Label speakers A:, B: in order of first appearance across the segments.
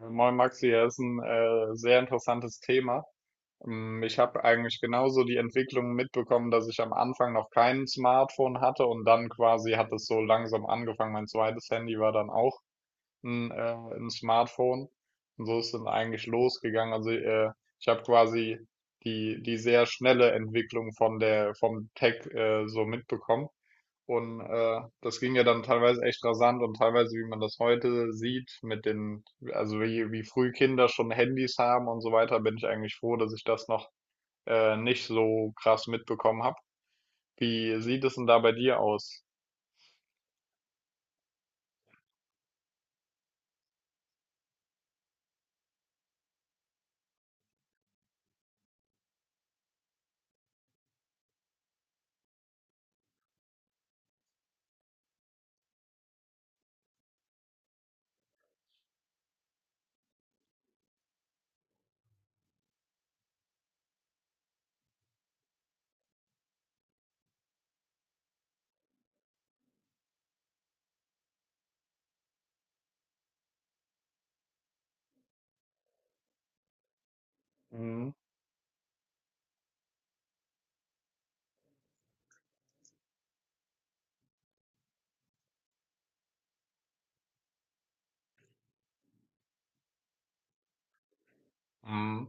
A: Moin Maxi, das ist ein sehr interessantes Thema. Ich habe eigentlich genauso die Entwicklung mitbekommen, dass ich am Anfang noch kein Smartphone hatte und dann quasi hat es so langsam angefangen. Mein zweites Handy war dann auch ein Smartphone und so ist es dann eigentlich losgegangen. Also ich habe quasi die sehr schnelle Entwicklung von der vom Tech so mitbekommen. Und das ging ja dann teilweise echt rasant und teilweise, wie man das heute sieht, mit den, also wie früh Kinder schon Handys haben und so weiter, bin ich eigentlich froh, dass ich das noch nicht so krass mitbekommen habe. Wie sieht es denn da bei dir aus? Mhm. Mhm.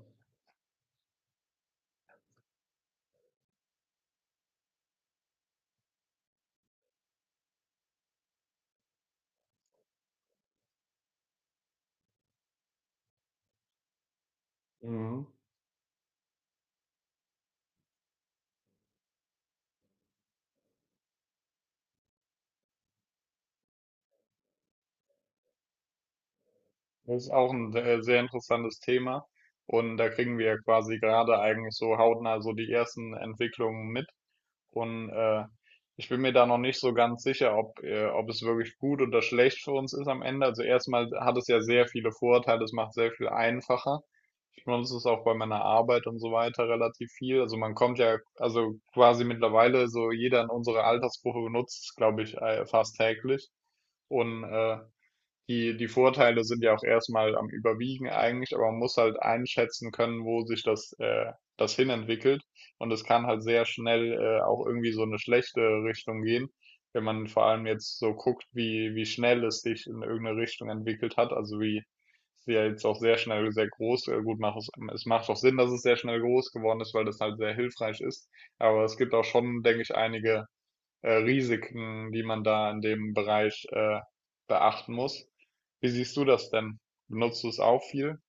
A: Mhm. Das ist auch ein sehr, sehr interessantes Thema. Und da kriegen wir ja quasi gerade eigentlich so hautnah so die ersten Entwicklungen mit. Und ich bin mir da noch nicht so ganz sicher, ob es wirklich gut oder schlecht für uns ist am Ende. Also erstmal hat es ja sehr viele Vorteile, es macht sehr viel einfacher. Ich benutze es auch bei meiner Arbeit und so weiter relativ viel. Also man kommt ja, also quasi mittlerweile so jeder in unserer Altersgruppe benutzt es, glaube ich, fast täglich. Und die, die Vorteile sind ja auch erstmal am Überwiegen eigentlich, aber man muss halt einschätzen können, wo sich das hinentwickelt. Und es kann halt sehr schnell, auch irgendwie so eine schlechte Richtung gehen, wenn man vor allem jetzt so guckt, wie schnell es sich in irgendeine Richtung entwickelt hat. Also wie es ja jetzt auch sehr schnell sehr groß, gut macht es, es macht auch Sinn, dass es sehr schnell groß geworden ist, weil das halt sehr hilfreich ist. Aber es gibt auch schon, denke ich, einige Risiken, die man da in dem Bereich beachten muss. Wie siehst du das denn? Benutzt du es auch viel?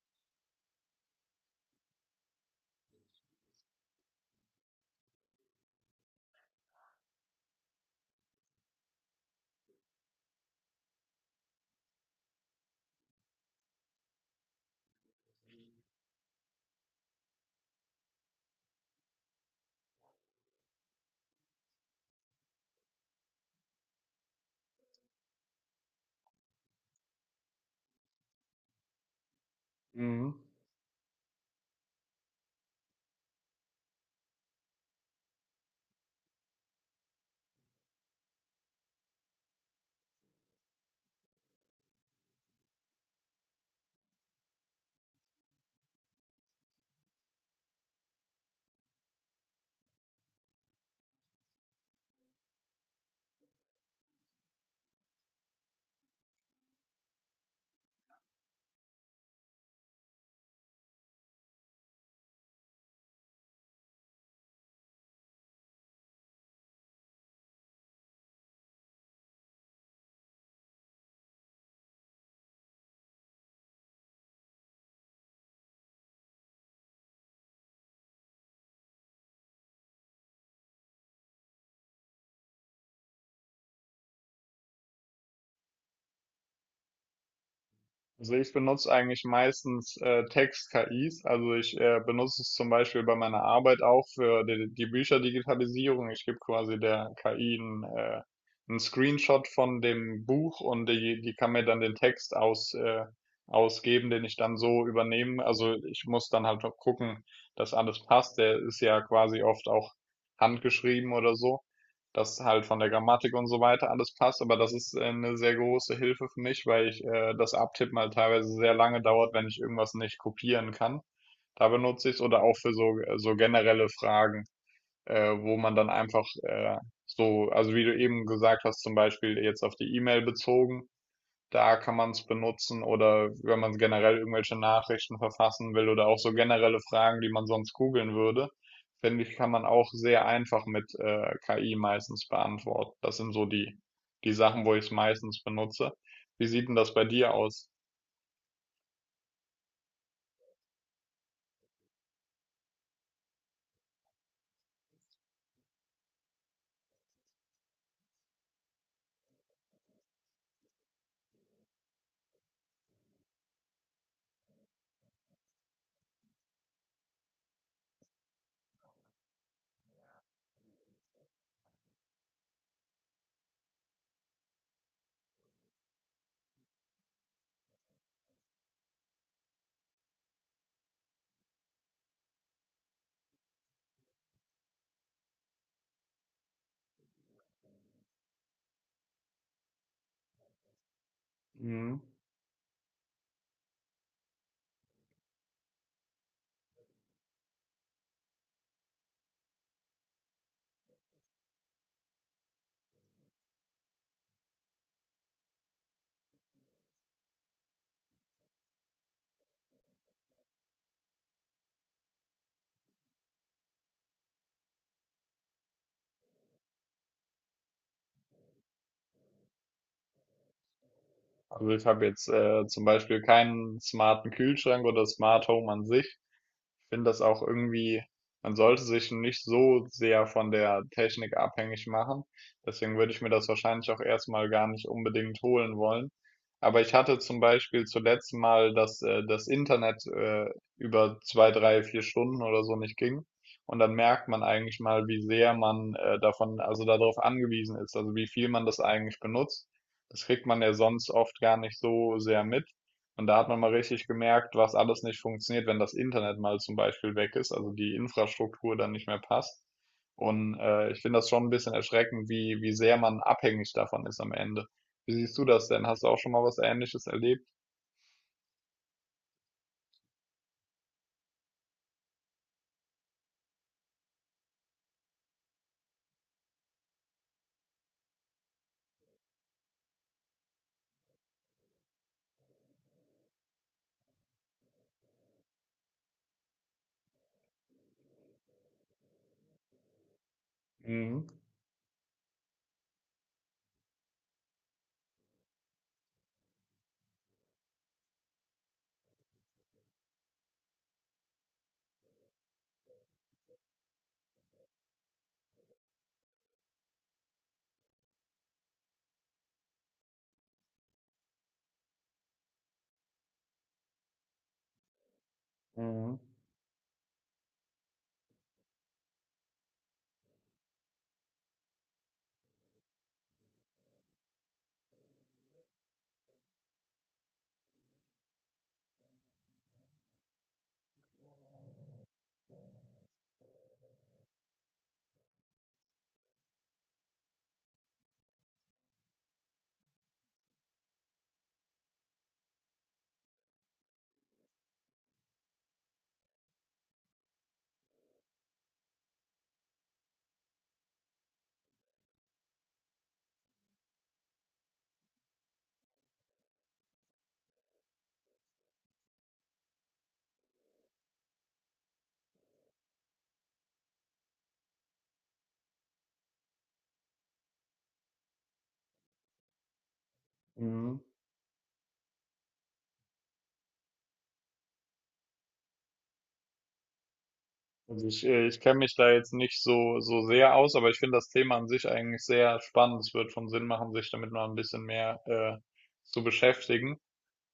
A: Mhm. Also ich benutze eigentlich meistens Text-KIs. Also ich benutze es zum Beispiel bei meiner Arbeit auch für die Bücherdigitalisierung. Ich gebe quasi der KI einen, einen Screenshot von dem Buch und die kann mir dann den Text ausgeben, den ich dann so übernehme. Also ich muss dann halt noch gucken, dass alles passt. Der ist ja quasi oft auch handgeschrieben oder so, dass halt von der Grammatik und so weiter alles passt, aber das ist eine sehr große Hilfe für mich, weil ich das Abtippen halt teilweise sehr lange dauert, wenn ich irgendwas nicht kopieren kann. Da benutze ich es oder auch für so generelle Fragen, wo man dann einfach wie du eben gesagt hast, zum Beispiel jetzt auf die E-Mail bezogen, da kann man es benutzen oder wenn man generell irgendwelche Nachrichten verfassen will oder auch so generelle Fragen, die man sonst googeln würde, finde ich, kann man auch sehr einfach mit KI meistens beantworten. Das sind so die Sachen, wo ich es meistens benutze. Wie sieht denn das bei dir aus? Mhm. Also, ich habe jetzt, zum Beispiel keinen smarten Kühlschrank oder Smart Home an sich. Ich finde das auch irgendwie, man sollte sich nicht so sehr von der Technik abhängig machen. Deswegen würde ich mir das wahrscheinlich auch erstmal gar nicht unbedingt holen wollen. Aber ich hatte zum Beispiel zuletzt mal, dass das Internet über zwei, drei, vier Stunden oder so nicht ging. Und dann merkt man eigentlich mal, wie sehr man davon, also darauf angewiesen ist, also wie viel man das eigentlich benutzt. Das kriegt man ja sonst oft gar nicht so sehr mit. Und da hat man mal richtig gemerkt, was alles nicht funktioniert, wenn das Internet mal zum Beispiel weg ist, also die Infrastruktur dann nicht mehr passt. Und ich finde das schon ein bisschen erschreckend, wie sehr man abhängig davon ist am Ende. Wie siehst du das denn? Hast du auch schon mal was Ähnliches erlebt? Mhm. Mhm. Mhm. Also ich kenne mich da jetzt nicht so sehr aus, aber ich finde das Thema an sich eigentlich sehr spannend. Es wird schon Sinn machen, sich damit mal ein bisschen mehr zu beschäftigen.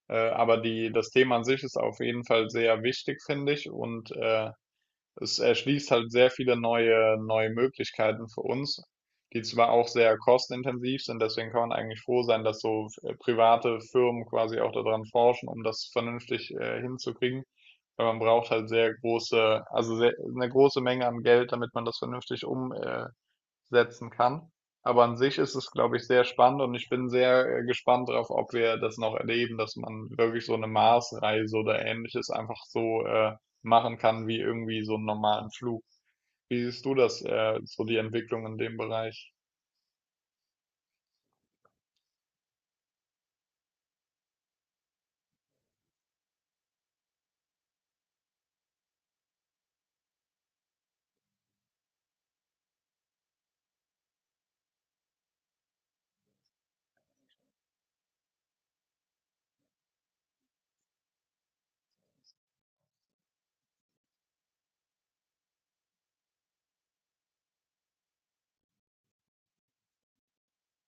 A: Aber das Thema an sich ist auf jeden Fall sehr wichtig, finde ich. Und es erschließt halt sehr viele neue Möglichkeiten für uns, die zwar auch sehr kostenintensiv sind. Deswegen kann man eigentlich froh sein, dass so private Firmen quasi auch daran forschen, um das vernünftig hinzukriegen. Weil man braucht halt sehr große, also sehr, eine große Menge an Geld, damit man das vernünftig setzen kann. Aber an sich ist es, glaube ich, sehr spannend und ich bin sehr gespannt darauf, ob wir das noch erleben, dass man wirklich so eine Marsreise oder Ähnliches einfach so machen kann wie irgendwie so einen normalen Flug. Wie siehst du das, so die Entwicklung in dem Bereich?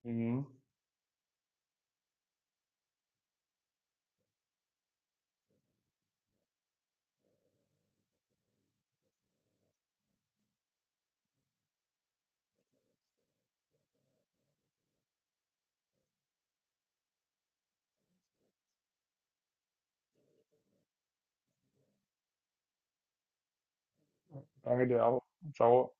A: Mhm. Danke dir auch. Ciao.